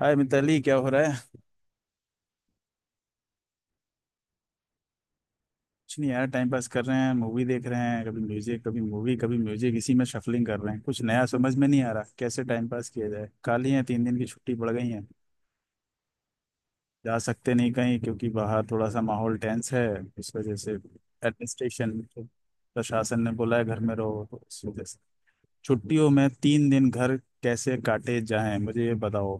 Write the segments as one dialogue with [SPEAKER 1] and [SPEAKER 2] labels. [SPEAKER 1] हाय मिताली, क्या हो रहा है। कुछ नहीं यार, टाइम पास कर रहे हैं, मूवी देख रहे हैं, कभी म्यूजिक कभी मूवी कभी म्यूजिक, इसी में शफलिंग कर रहे हैं। कुछ नया समझ में नहीं आ रहा कैसे टाइम पास किया जाए। खाली है, तीन दिन की छुट्टी पड़ गई है। जा सकते नहीं कहीं क्योंकि बाहर थोड़ा सा माहौल टेंस है। इस वजह से एडमिनिस्ट्रेशन, प्रशासन ने बोला है घर में रहो, तो इस वजह से छुट्टियों में तीन दिन घर कैसे काटे जाएं, मुझे ये बताओ।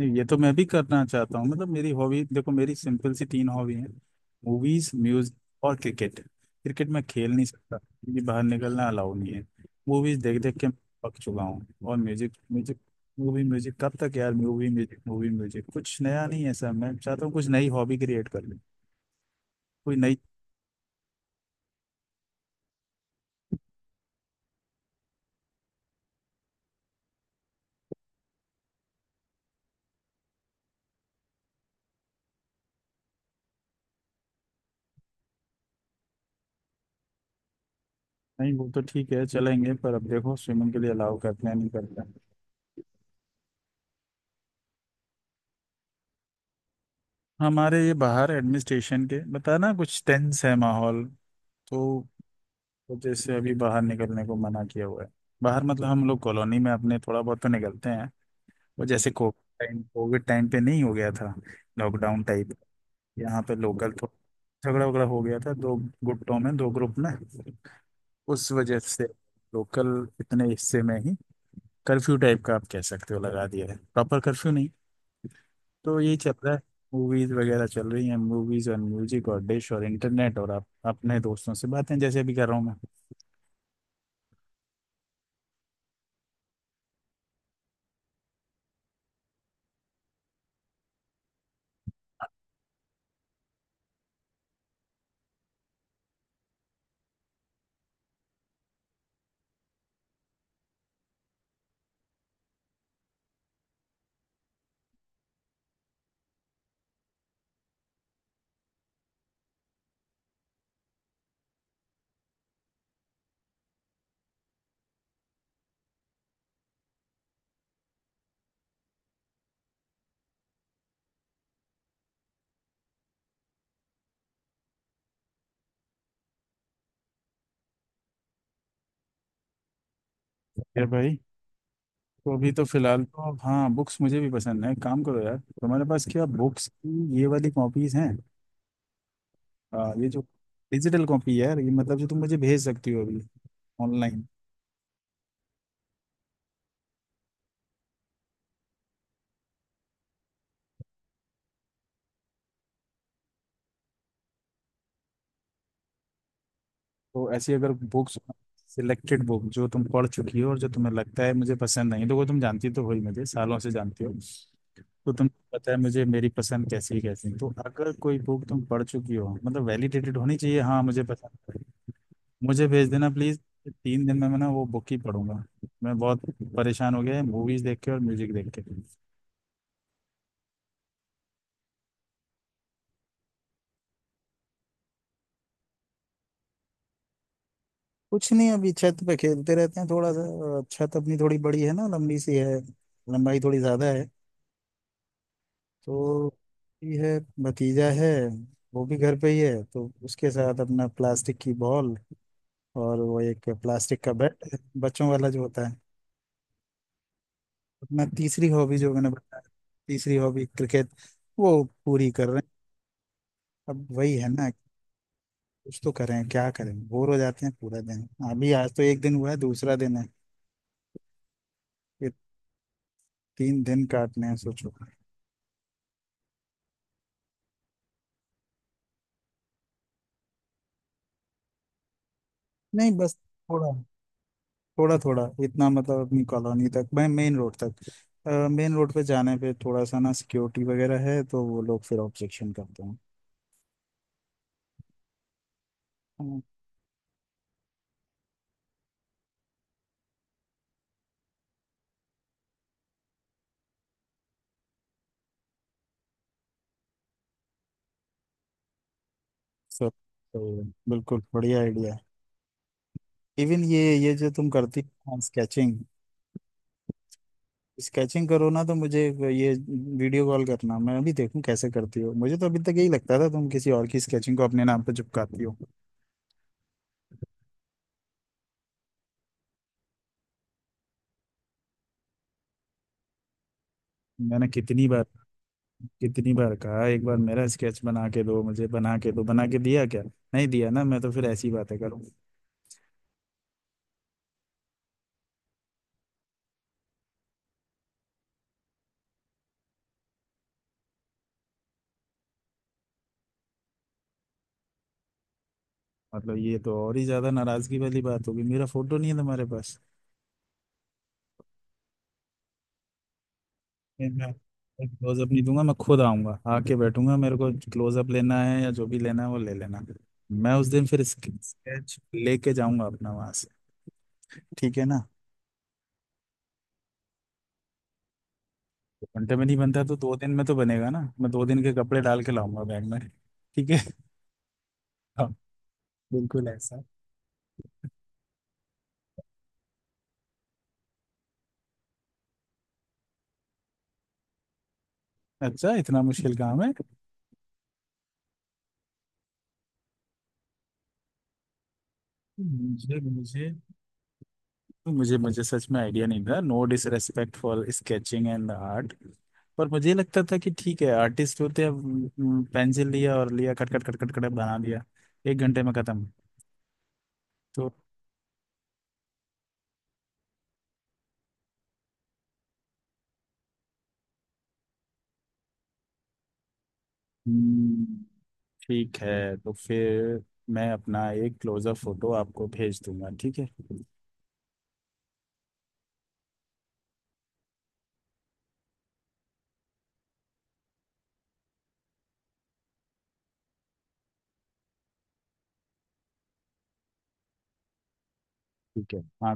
[SPEAKER 1] नहीं, ये तो मैं भी करना चाहता हूँ। मतलब मेरी हॉबी देखो, मेरी सिंपल सी तीन हॉबी है। मूवीज, म्यूजिक और क्रिकेट। क्रिकेट मैं खेल नहीं सकता क्योंकि बाहर निकलना अलाउ नहीं है। मूवीज देख देख के पक चुका हूँ। और म्यूजिक, म्यूजिक, मूवी म्यूजिक कब तक यार। मूवी म्यूजिक कुछ नया नहीं है सर। मैं चाहता हूँ कुछ नई हॉबी क्रिएट कर लूँ, कोई नई। नहीं वो तो ठीक है, चलेंगे, पर अब देखो स्विमिंग के लिए अलाउ करते हैं नहीं करते हैं। हमारे ये बाहर एडमिनिस्ट्रेशन के, बता ना, कुछ टेंस है माहौल। तो जैसे अभी बाहर निकलने को मना किया हुआ है। बाहर मतलब हम लोग कॉलोनी में अपने थोड़ा बहुत तो निकलते हैं। वो जैसे कोविड टाइम, कोविड टाइम पे नहीं हो गया था लॉकडाउन टाइप, यहाँ पे लोकल थोड़ा झगड़ा वगड़ा हो गया था, दो गुटों में, दो ग्रुप में, उस वजह से लोकल इतने हिस्से में ही कर्फ्यू टाइप का आप कह सकते हो लगा दिया है, प्रॉपर कर्फ्यू नहीं। तो यही चल रहा है, मूवीज वगैरह चल रही हैं, मूवीज और म्यूजिक और डिश और इंटरनेट और आप अपने दोस्तों से बातें, जैसे अभी कर रहा हूँ मैं। फिर भाई, तो अभी तो फिलहाल तो, हाँ, बुक्स मुझे भी पसंद है। काम करो यार, तुम्हारे पास क्या बुक्स की ये वाली कॉपीज हैं, ये जो डिजिटल कॉपी है यार, ये मतलब जो तुम मुझे भेज सकती हो अभी ऑनलाइन। तो ऐसी अगर बुक्स, सिलेक्टेड बुक जो तुम पढ़ चुकी हो और जो तुम्हें लगता है मुझे पसंद, नहीं देखो तुम जानती तो हो ही, मुझे सालों से जानती हो, तो तुम पता है मुझे, मेरी पसंद कैसी है कैसी नहीं। तो अगर कोई बुक तुम पढ़ चुकी हो मतलब वैलिडेटेड होनी चाहिए, हाँ मुझे पसंद है, मुझे भेज देना प्लीज। तीन दिन में मैं ना वो बुक ही पढ़ूंगा। मैं बहुत परेशान हो गया है मूवीज देख के और म्यूजिक देख के। कुछ नहीं, अभी छत पे खेलते रहते हैं थोड़ा सा, और छत अपनी थोड़ी बड़ी है ना, लंबी सी है, लंबाई थोड़ी ज्यादा है। तो ये है भतीजा है, वो भी घर पे ही है, तो उसके साथ अपना प्लास्टिक की बॉल और वो एक प्लास्टिक का बैट है, बच्चों वाला जो होता है। अपना तीसरी हॉबी जो मैंने बताया, तीसरी हॉबी क्रिकेट, वो पूरी कर रहे हैं। अब वही है ना, कुछ तो करें, क्या करें, बोर हो जाते हैं पूरा दिन। अभी आज तो एक दिन हुआ है, दूसरा दिन है ये, तीन दिन काटने हैं सोचो। नहीं बस थोड़ा थोड़ा थोड़ा इतना, मतलब अपनी कॉलोनी तक, मैं मेन रोड तक, मेन रोड पे जाने पे थोड़ा सा ना सिक्योरिटी वगैरह है तो वो लोग फिर ऑब्जेक्शन करते हैं। हाँ, सब तो बिल्कुल बढ़िया आइडिया है। इवन ये जो तुम करती हो स्केचिंग, स्केचिंग करो ना तो मुझे ये वीडियो कॉल करना, मैं भी देखूं कैसे करती हो। मुझे तो अभी तक यही लगता था तुम किसी और की स्केचिंग को अपने नाम पर चिपकाती हो। मैंने कितनी बार, कितनी बार कहा एक बार मेरा स्केच बना के दो, मुझे बना के दो, बना के दिया क्या, नहीं दिया ना, मैं तो फिर ऐसी बातें करूँ। मतलब ये तो और ही ज्यादा नाराजगी वाली बात होगी, मेरा फोटो नहीं है तुम्हारे पास। नहीं, मैं क्लोजअप नहीं दूंगा, मैं खुद आऊंगा, आके बैठूंगा, मेरे को क्लोजअप लेना है या जो भी लेना है वो ले लेना। मैं उस दिन फिर स्केच लेके जाऊंगा अपना वहां से, ठीक है ना। दो घंटे में नहीं बनता तो दो दिन में तो बनेगा ना, मैं दो दिन के कपड़े डाल के लाऊंगा बैग में। ठीक है, हाँ, बिल्कुल ऐसा। अच्छा, इतना मुश्किल काम है। मुझे मुझे मुझे मुझे सच में आइडिया नहीं था, no disrespect for sketching and art, पर मुझे लगता था कि ठीक है आर्टिस्ट होते हैं, पेंसिल लिया और लिया cut cut cut cut cut बना दिया, एक घंटे में खत्म। तो हम्म, ठीक है तो फिर मैं अपना एक क्लोजअप फोटो आपको भेज दूंगा, ठीक है। ठीक है, हाँ,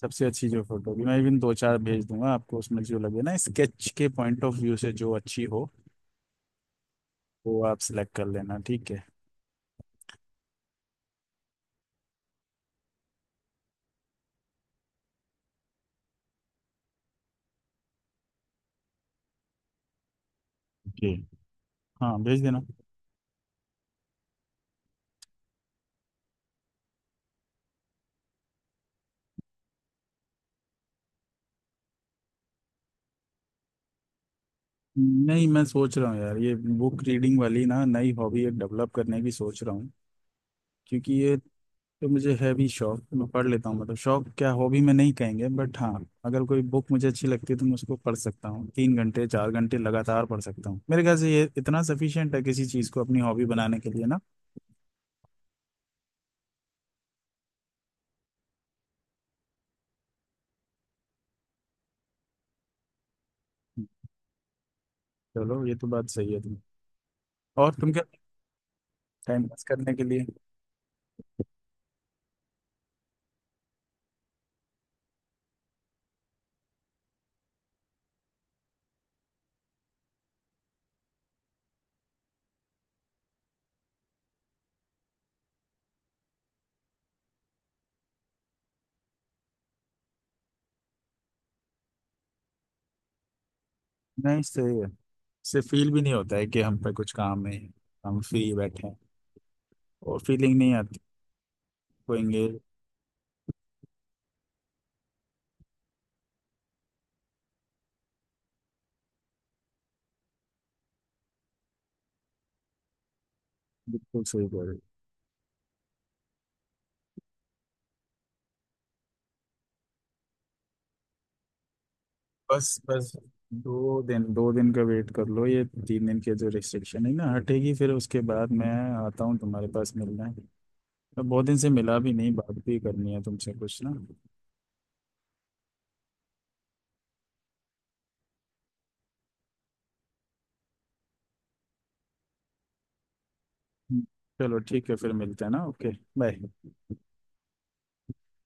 [SPEAKER 1] सबसे अच्छी जो फोटो होगी मैं इवन दो चार भेज दूंगा आपको, उसमें जो लगे ना स्केच के पॉइंट ऑफ व्यू से जो अच्छी हो वो आप सिलेक्ट कर लेना, ठीक है। जी, हाँ, भेज देना। नहीं मैं सोच रहा हूँ यार ये बुक रीडिंग वाली ना, नई हॉबी एक डेवलप करने की सोच रहा हूँ, क्योंकि ये तो मुझे है भी शौक, मैं पढ़ लेता हूँ। मतलब शौक, क्या हॉबी में नहीं कहेंगे, बट हाँ अगर कोई बुक मुझे अच्छी लगती है तो मैं उसको पढ़ सकता हूँ, तीन घंटे चार घंटे लगातार पढ़ सकता हूँ। मेरे ख्याल से ये इतना सफिशियंट है किसी चीज़ को अपनी हॉबी बनाने के लिए ना। चलो ये तो बात सही है, तुम और तुम टाइम पास करने के लिए। नहीं सही है, इससे फील भी नहीं होता है कि हम पे कुछ काम नहीं है, हम फ्री बैठे हैं, और फीलिंग नहीं आती को engage-, बिल्कुल सही कह रहे हो। बस बस, दो दिन का वेट कर लो, ये तीन दिन की जो रिस्ट्रिक्शन है ना हटेगी, फिर उसके बाद मैं आता हूँ तुम्हारे पास, मिलना है। मैं बहुत दिन से मिला भी नहीं, बात भी करनी है तुमसे कुछ ना। चलो ठीक है, फिर मिलते हैं ना, ओके, बाय।